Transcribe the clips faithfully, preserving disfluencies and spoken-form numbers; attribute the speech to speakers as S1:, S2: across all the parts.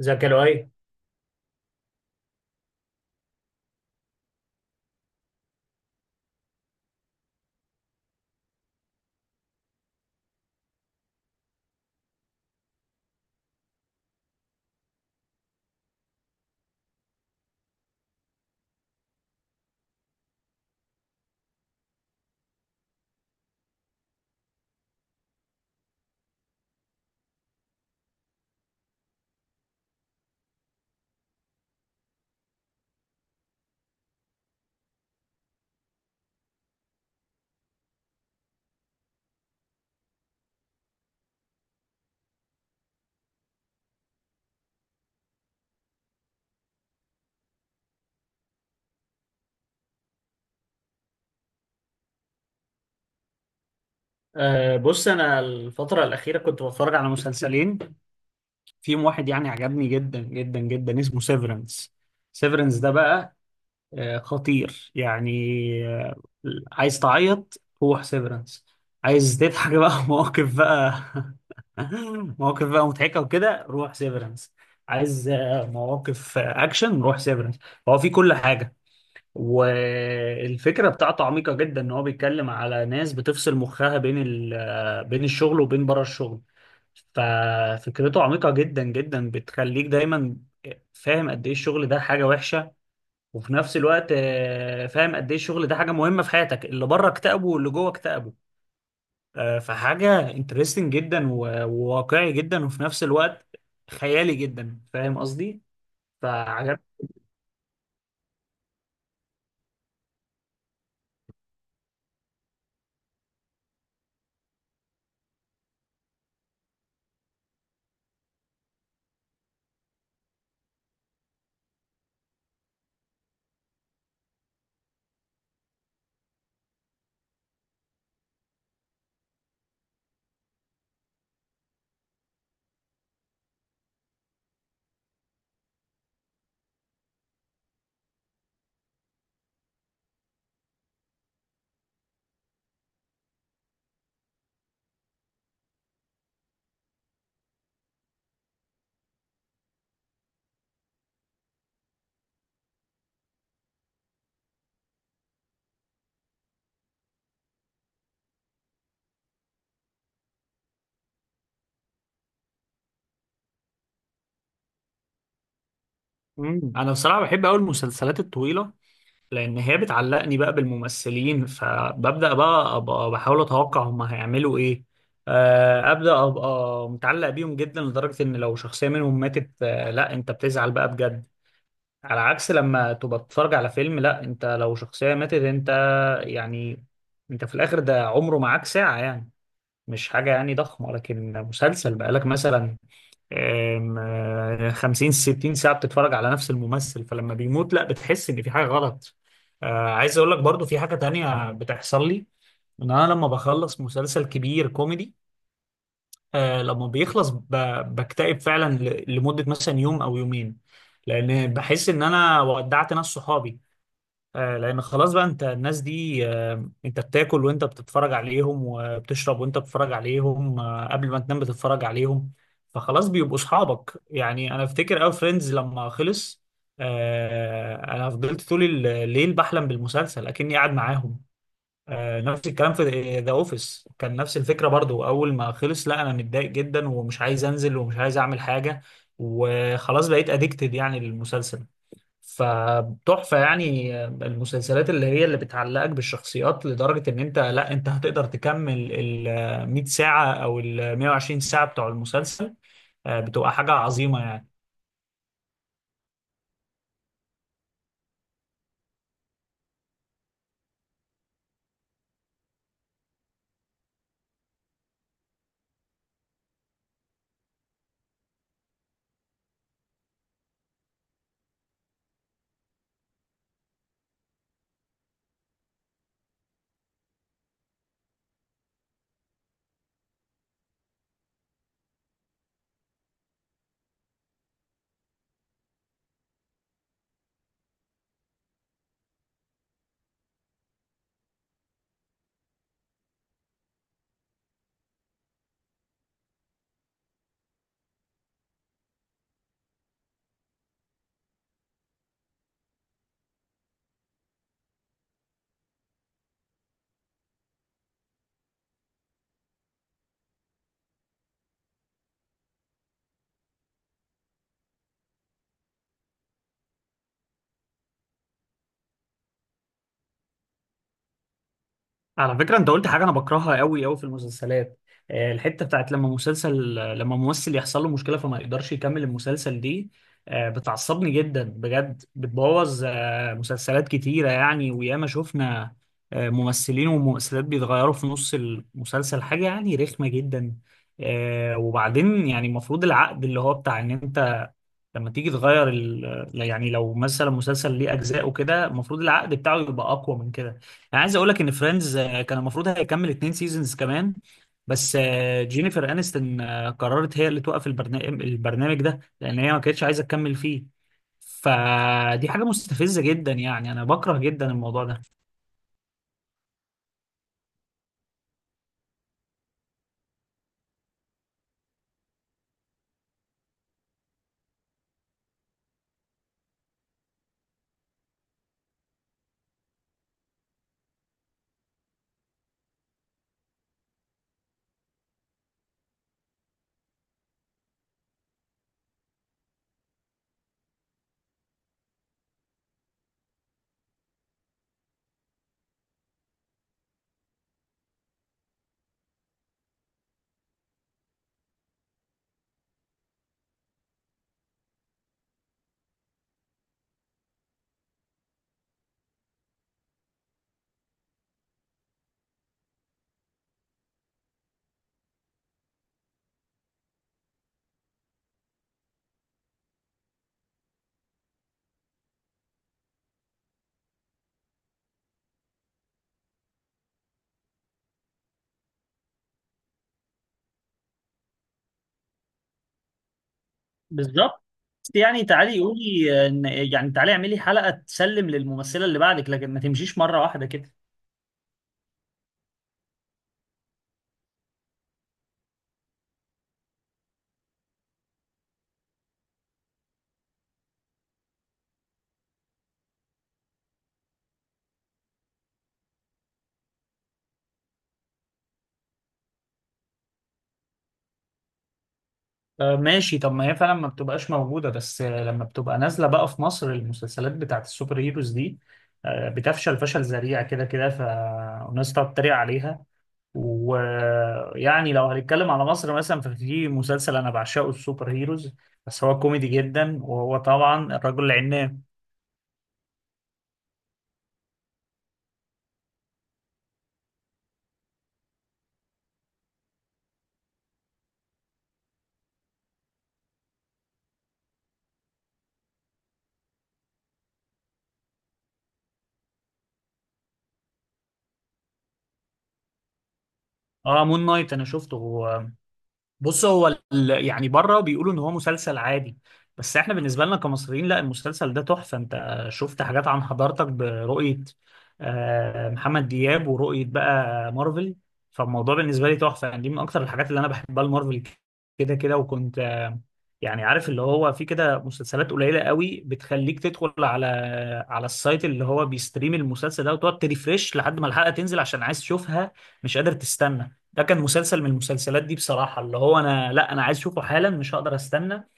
S1: ازيك يا لؤي. أه بص انا الفتره الاخيره كنت بتفرج على مسلسلين، فيهم واحد، يعني، عجبني جدا جدا جدا، اسمه سيفرنس. سيفرنس ده بقى أه خطير يعني. أه. عايز تعيط؟ روح سيفرنس. عايز تضحك بقى؟ مواقف بقى مواقف بقى مضحكه وكده، روح سيفرنس. عايز آه، مواقف، آه، اكشن؟ روح سيفرنس. هو في كل حاجه. والفكرة بتاعته عميقة جدا، ان هو بيتكلم على ناس بتفصل مخها بين ال آه، بين الشغل وبين بره الشغل. ففكرته عميقة جدا جدا، بتخليك دايما فاهم قد ايه الشغل ده حاجة وحشة، وفي نفس الوقت آه، فاهم قد ايه الشغل ده حاجة مهمة في حياتك. اللي بره اكتئبه واللي جوه اكتئبه. آه، فحاجة انترستنج جدا، و- وواقعي جدا، وفي نفس الوقت خيالي جدا. فاهم قصدي؟ فعجب. مم. انا بصراحة بحب قوي المسلسلات الطويلة، لان هي بتعلقني بقى بالممثلين، فببدا بقى ابقى بحاول اتوقع هم هيعملوا ايه. آه، ابدا ابقى متعلق بيهم جدا، لدرجه ان لو شخصيه منهم ماتت، آه، لا، انت بتزعل بقى بجد. على عكس لما تبقى بتتفرج على فيلم، لا، انت لو شخصيه ماتت، انت، يعني، انت في الاخر ده عمره معاك ساعه يعني، مش حاجه يعني ضخمه. لكن مسلسل بقالك مثلا آم، خمسين ستين ساعة بتتفرج على نفس الممثل، فلما بيموت لا، بتحس ان في حاجة غلط. آه، عايز اقول لك برضو في حاجة تانية بتحصل لي. ان انا لما بخلص مسلسل كبير كوميدي، آه لما بيخلص ب- بكتئب فعلا ل- لمدة مثلا يوم او يومين، لان بحس ان انا ودعت ناس صحابي. آه، لان خلاص بقى، انت الناس دي، آه، انت بتاكل وانت بتتفرج عليهم، وبتشرب وانت بتتفرج عليهم، آه، قبل ما تنام بتتفرج عليهم، فخلاص بيبقوا اصحابك يعني. انا افتكر اوي فريندز لما خلص، آه، انا فضلت طول الليل بحلم بالمسلسل اكني قاعد معاهم. آه، نفس الكلام في ذا اوفيس، كان نفس الفكرة برضو، اول ما خلص، لا، انا متضايق جدا، ومش عايز انزل، ومش عايز اعمل حاجة، وخلاص بقيت اديكتد يعني للمسلسل. فتحفة يعني المسلسلات اللي هي اللي بتعلقك بالشخصيات لدرجة ان انت، لا، انت هتقدر تكمل ال مية ساعة او ال مية وعشرين ساعة بتوع المسلسل، آه، بتبقى حاجة عظيمة يعني. على فكرة انت قلت حاجة انا بكرهها قوي قوي في المسلسلات. آه، الحتة بتاعت لما مسلسل، لما ممثل يحصل له مشكلة فما يقدرش يكمل المسلسل دي، آه، بتعصبني جدا بجد، بتبوظ آه، مسلسلات كتيرة يعني. وياما شفنا آه، ممثلين وممثلات بيتغيروا في نص المسلسل، حاجة يعني رخمة جدا. آه، وبعدين، يعني، المفروض العقد اللي هو بتاع ان انت لما تيجي تغير ال... يعني لو مثلا مسلسل ليه اجزاء وكده، المفروض العقد بتاعه يبقى اقوى من كده. انا عايز اقول لك ان فريندز كان المفروض هيكمل اتنين سيزونز كمان. بس آه، جينيفر انستون آه، قررت هي اللي توقف البرنامج البرنامج ده، لان هي ما كانتش عايزه تكمل فيه. فدي حاجه مستفزه جدا يعني، انا بكره جدا الموضوع ده. بالظبط. بس، يعني، تعالي قولي إن- يعني تعالي اعملي حلقة تسلم للممثلة اللي بعدك، لكن ما تمشيش مرة واحدة كده. آه، ماشي. طب ما هي فعلا ما بتبقاش موجودة. بس آه، لما بتبقى نازلة بقى في مصر المسلسلات بتاعت السوبر هيروز دي، آه، بتفشل فشل ذريع كده كده، فالناس تقعد تتريق عليها. ويعني لو هنتكلم على مصر مثلا، ففي مسلسل أنا بعشقه، السوبر هيروز، بس هو كوميدي جدا، وهو طبعا الرجل العناب. اه، مون نايت أنا شفته. بص، هو ال- يعني بره بيقولوا ان هو مسلسل عادي، بس احنا بالنسبه لنا كمصريين، لا، المسلسل ده تحفه. انت شفت حاجات عن حضارتك برؤيه آه، محمد دياب، ورؤيه بقى مارفل. فالموضوع بالنسبه لي تحفه يعني، دي من اكتر الحاجات اللي انا بحبها، المارفل كده كده. وكنت آه، يعني عارف، اللي هو في كده مسلسلات قليله قوي بتخليك تدخل على على السايت اللي هو بيستريم المسلسل ده، وتقعد تريفريش لحد ما الحلقه تنزل عشان عايز تشوفها، مش قادر تستنى. ده كان مسلسل من المسلسلات دي بصراحة، اللي هو أنا لا أنا عايز أشوفه حالا، مش هقدر أستنى.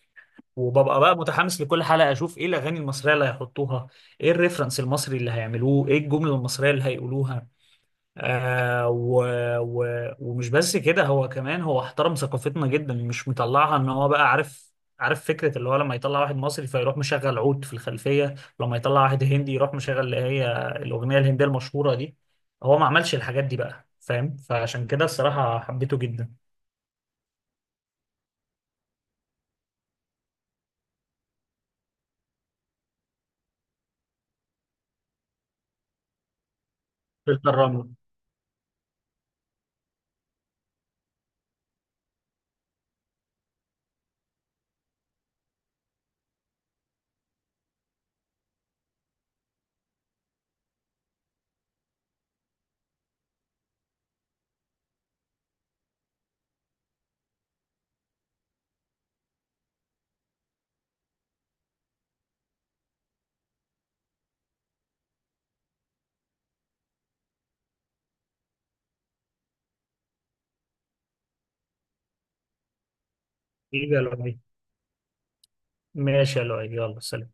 S1: وببقى بقى متحمس لكل حلقة، أشوف إيه الأغاني المصرية اللي هيحطوها، إيه الريفرنس المصري اللي هيعملوه، إيه الجملة المصرية اللي هيقولوها. آه و و ومش بس كده، هو كمان هو احترم ثقافتنا جدا، مش مطلعها ان هو بقى عارف عارف فكرة اللي هو لما يطلع واحد مصري فيروح مشغل عود في الخلفية، لما يطلع واحد هندي يروح مشغل اللي هي الأغنية الهندية المشهورة دي. هو ما عملش الحاجات دي، بقى، فاهم؟ فعشان كده الصراحة حبيته جدا. فلتر الرمل. ايه يا لؤي؟ ماشي يا لؤي، يلا سلام.